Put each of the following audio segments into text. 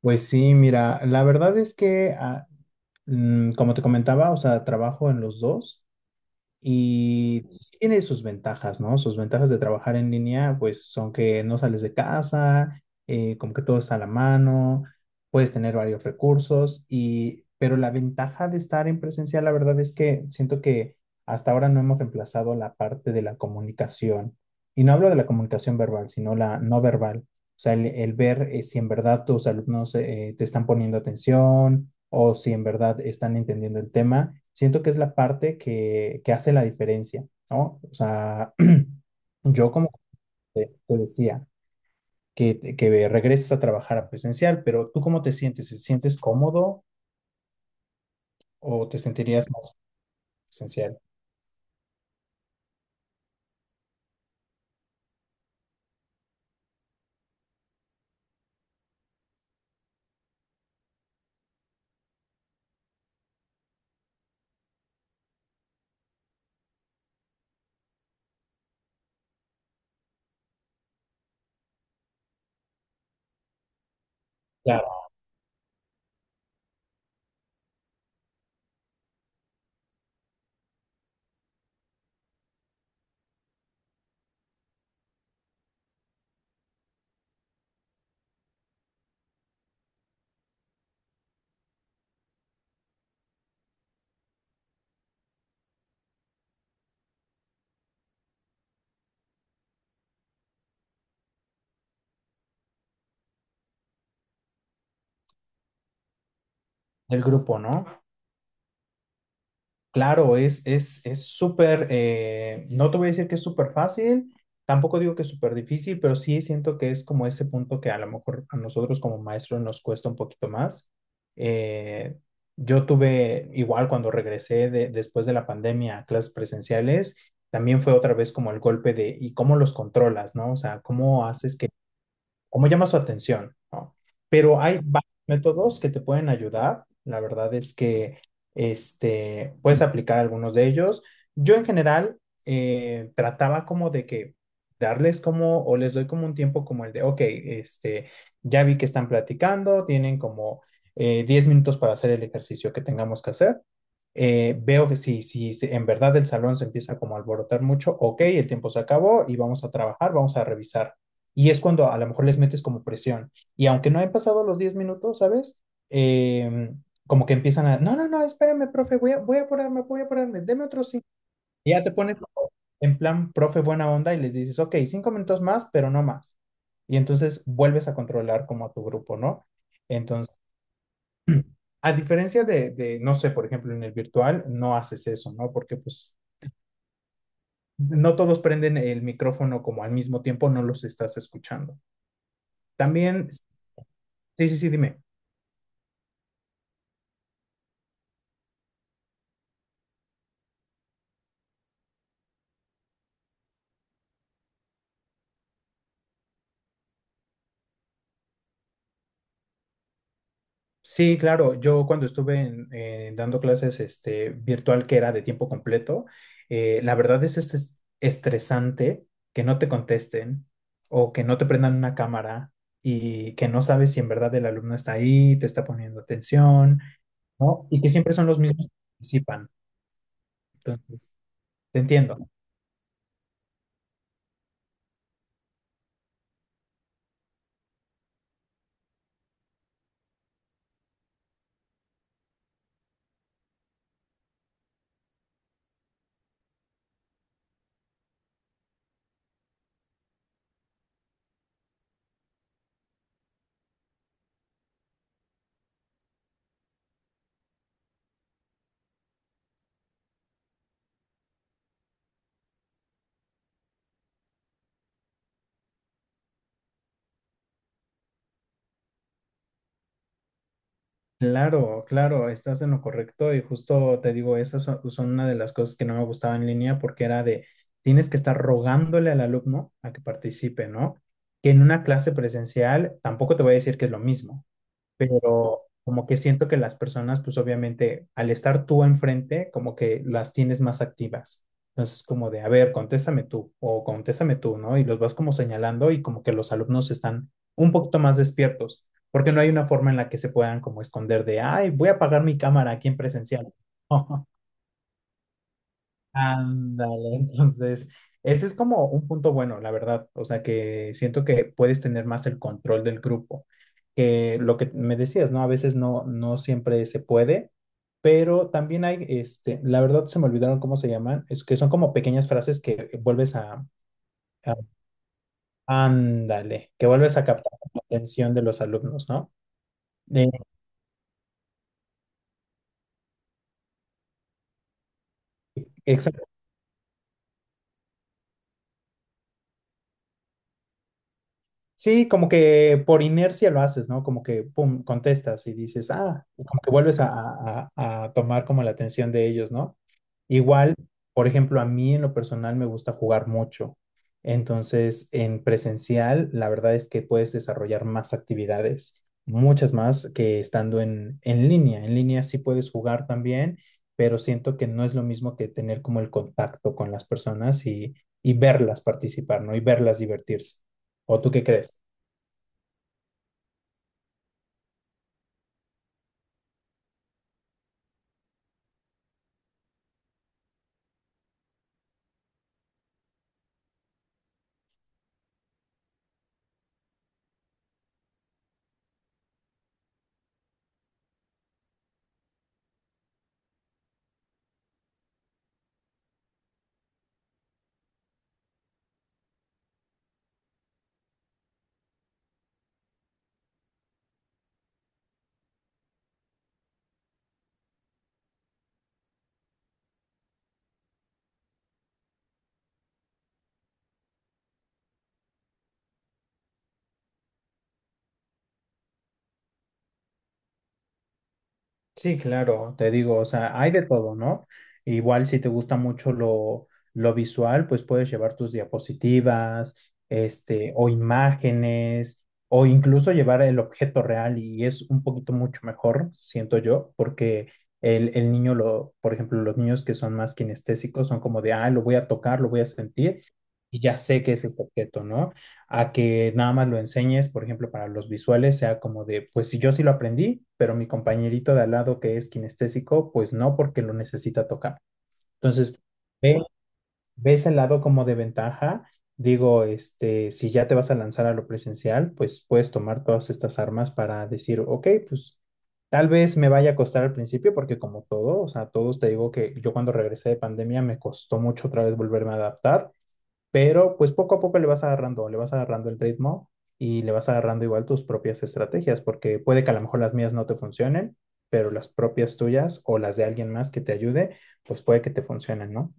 Pues sí, mira, la verdad es que, como te comentaba, o sea, trabajo en los dos y pues sí tiene sus ventajas, ¿no? Sus ventajas de trabajar en línea, pues son que no sales de casa, como que todo está a la mano, puedes tener varios recursos y, pero la ventaja de estar en presencial, la verdad es que siento que hasta ahora no hemos reemplazado la parte de la comunicación. Y no hablo de la comunicación verbal, sino la no verbal, o sea, el ver, si en verdad tus alumnos te están poniendo atención o si en verdad están entendiendo el tema, siento que es la parte que hace la diferencia, ¿no? O sea, yo como te decía, que regreses a trabajar a presencial, pero ¿tú cómo te sientes? ¿Te sientes cómodo o te sentirías más presencial? Claro, el grupo, ¿no? Claro, es súper, no te voy a decir que es súper fácil, tampoco digo que es súper difícil, pero sí siento que es como ese punto que a lo mejor a nosotros como maestros nos cuesta un poquito más. Eh, yo tuve, igual cuando regresé de- después de la pandemia a clases presenciales, también fue otra vez como el golpe de, ¿y cómo los controlas, no? O sea, ¿cómo haces cómo llama su atención, ¿no? Pero hay varios métodos que te pueden ayudar. La verdad es que este, puedes aplicar algunos de ellos. Yo en general, trataba como de que darles como, o les doy como un tiempo como el de, ok, este, ya vi que están platicando, tienen como 10 minutos para hacer el ejercicio que tengamos que hacer. Veo que si, si se- en verdad el salón se empieza como a alborotar mucho, ok, el tiempo se acabó y vamos a trabajar, vamos a revisar, y es cuando a lo mejor les metes como presión. Y aunque no he pasado los 10 minutos, ¿sabes? Eh, como que empiezan a, no, no, no, espérame, profe, voy a apurarme, deme otro cinco. Y ya te pones como en plan, profe, buena onda, y les dices, ok, cinco minutos más, pero no más. Y entonces vuelves a controlar como a tu grupo, ¿no? Entonces, a diferencia de, no sé, por ejemplo, en el virtual, no haces eso, ¿no? Porque pues no todos prenden el micrófono como al mismo tiempo, no los estás escuchando. También, sí, sí, dime. Sí, claro. Yo cuando estuve en- dando clases este, virtual que era de tiempo completo, la verdad es estres- estresante que no te contesten o que no te prendan una cámara y que no sabes si en verdad el alumno está ahí, te está poniendo atención, ¿no? Y que siempre son los mismos que participan. Entonces, te entiendo. Claro, claro, estás en lo correcto y justo te digo, esas son, son una de las cosas que no me gustaba en línea porque era de, tienes que estar rogándole al alumno a que participe, ¿no? Que en una clase presencial tampoco te voy a decir que es lo mismo, pero como que siento que las personas, pues obviamente, al estar tú enfrente, como que las tienes más activas. Entonces, como de, a ver, contéstame tú o contéstame tú, ¿no? Y los vas como señalando y como que los alumnos están un poquito más despiertos, porque no hay una forma en la que se puedan como esconder de, ay, voy a apagar mi cámara aquí en presencial. Ándale, entonces, ese es como un punto bueno, la verdad. O sea, que siento que puedes tener más el control del grupo. Que lo que me decías, ¿no? A veces no, no siempre se puede, pero también hay, este, la verdad se me olvidaron cómo se llaman, es que son como pequeñas frases que vuelves a- ándale, que vuelves a captar la atención de los alumnos, ¿no? Eh, sí, como que por inercia lo haces, ¿no? Como que, pum, contestas y dices, ah, y como que vuelves a, a tomar como la atención de ellos, ¿no? Igual, por ejemplo, a mí en lo personal me gusta jugar mucho. Entonces, en presencial, la verdad es que puedes desarrollar más actividades, muchas más que estando en línea. En línea sí puedes jugar también, pero siento que no es lo mismo que tener como el contacto con las personas y verlas participar, ¿no? Y verlas divertirse. ¿O tú qué crees? Sí, claro, te digo, o sea, hay de todo, ¿no? Igual si te gusta mucho lo visual, pues puedes llevar tus diapositivas, este, o imágenes, o incluso llevar el objeto real y es un poquito mucho mejor, siento yo, porque el niño, lo, por ejemplo, los niños que son más kinestésicos son como de, ah, lo voy a tocar, lo voy a sentir y ya sé que es este objeto, ¿no? A que nada más lo enseñes, por ejemplo, para los visuales, sea como de, pues si yo sí lo aprendí, pero mi compañerito de al lado que es kinestésico, pues no, porque lo necesita tocar. Entonces, ve, ves el lado como de ventaja. Digo, este, si ya te vas a lanzar a lo presencial, pues puedes tomar todas estas armas para decir, ok, pues tal vez me vaya a costar al principio, porque como todo, o sea, todos te digo que yo cuando regresé de pandemia me costó mucho otra vez volverme a adaptar, pero pues poco a poco le vas agarrando el ritmo y le vas agarrando igual tus propias estrategias, porque puede que a lo mejor las mías no te funcionen, pero las propias tuyas o las de alguien más que te ayude, pues puede que te funcionen, ¿no?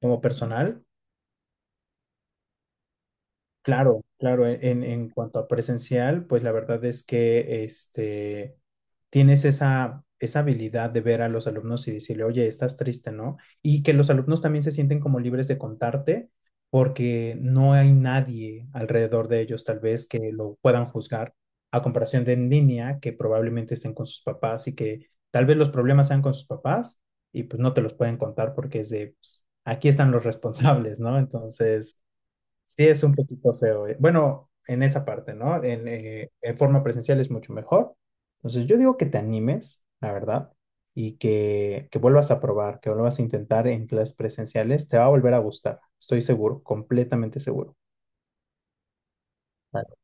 Como personal, claro, claro, e-, en cuanto a presencial, pues la verdad es que este, tienes esa, esa habilidad de ver a los alumnos y decirle, oye, estás triste, ¿no? Y que los alumnos también se sienten como libres de contarte porque no hay nadie alrededor de ellos tal vez que lo puedan juzgar a comparación de en línea que probablemente estén con sus papás y que tal vez los problemas sean con sus papás y pues no te los pueden contar porque es de, pues, aquí están los responsables, ¿no? Entonces, sí, es un poquito feo. Bueno, en esa parte, ¿no? En forma presencial es mucho mejor. Entonces, yo digo que te animes, la verdad, y que vuelvas a probar, que vuelvas a intentar en clases presenciales. Te va a volver a gustar, estoy seguro, completamente seguro. Vale.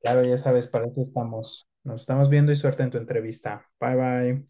Claro, ya sabes, para eso estamos. Nos estamos viendo y suerte en tu entrevista. Bye, bye.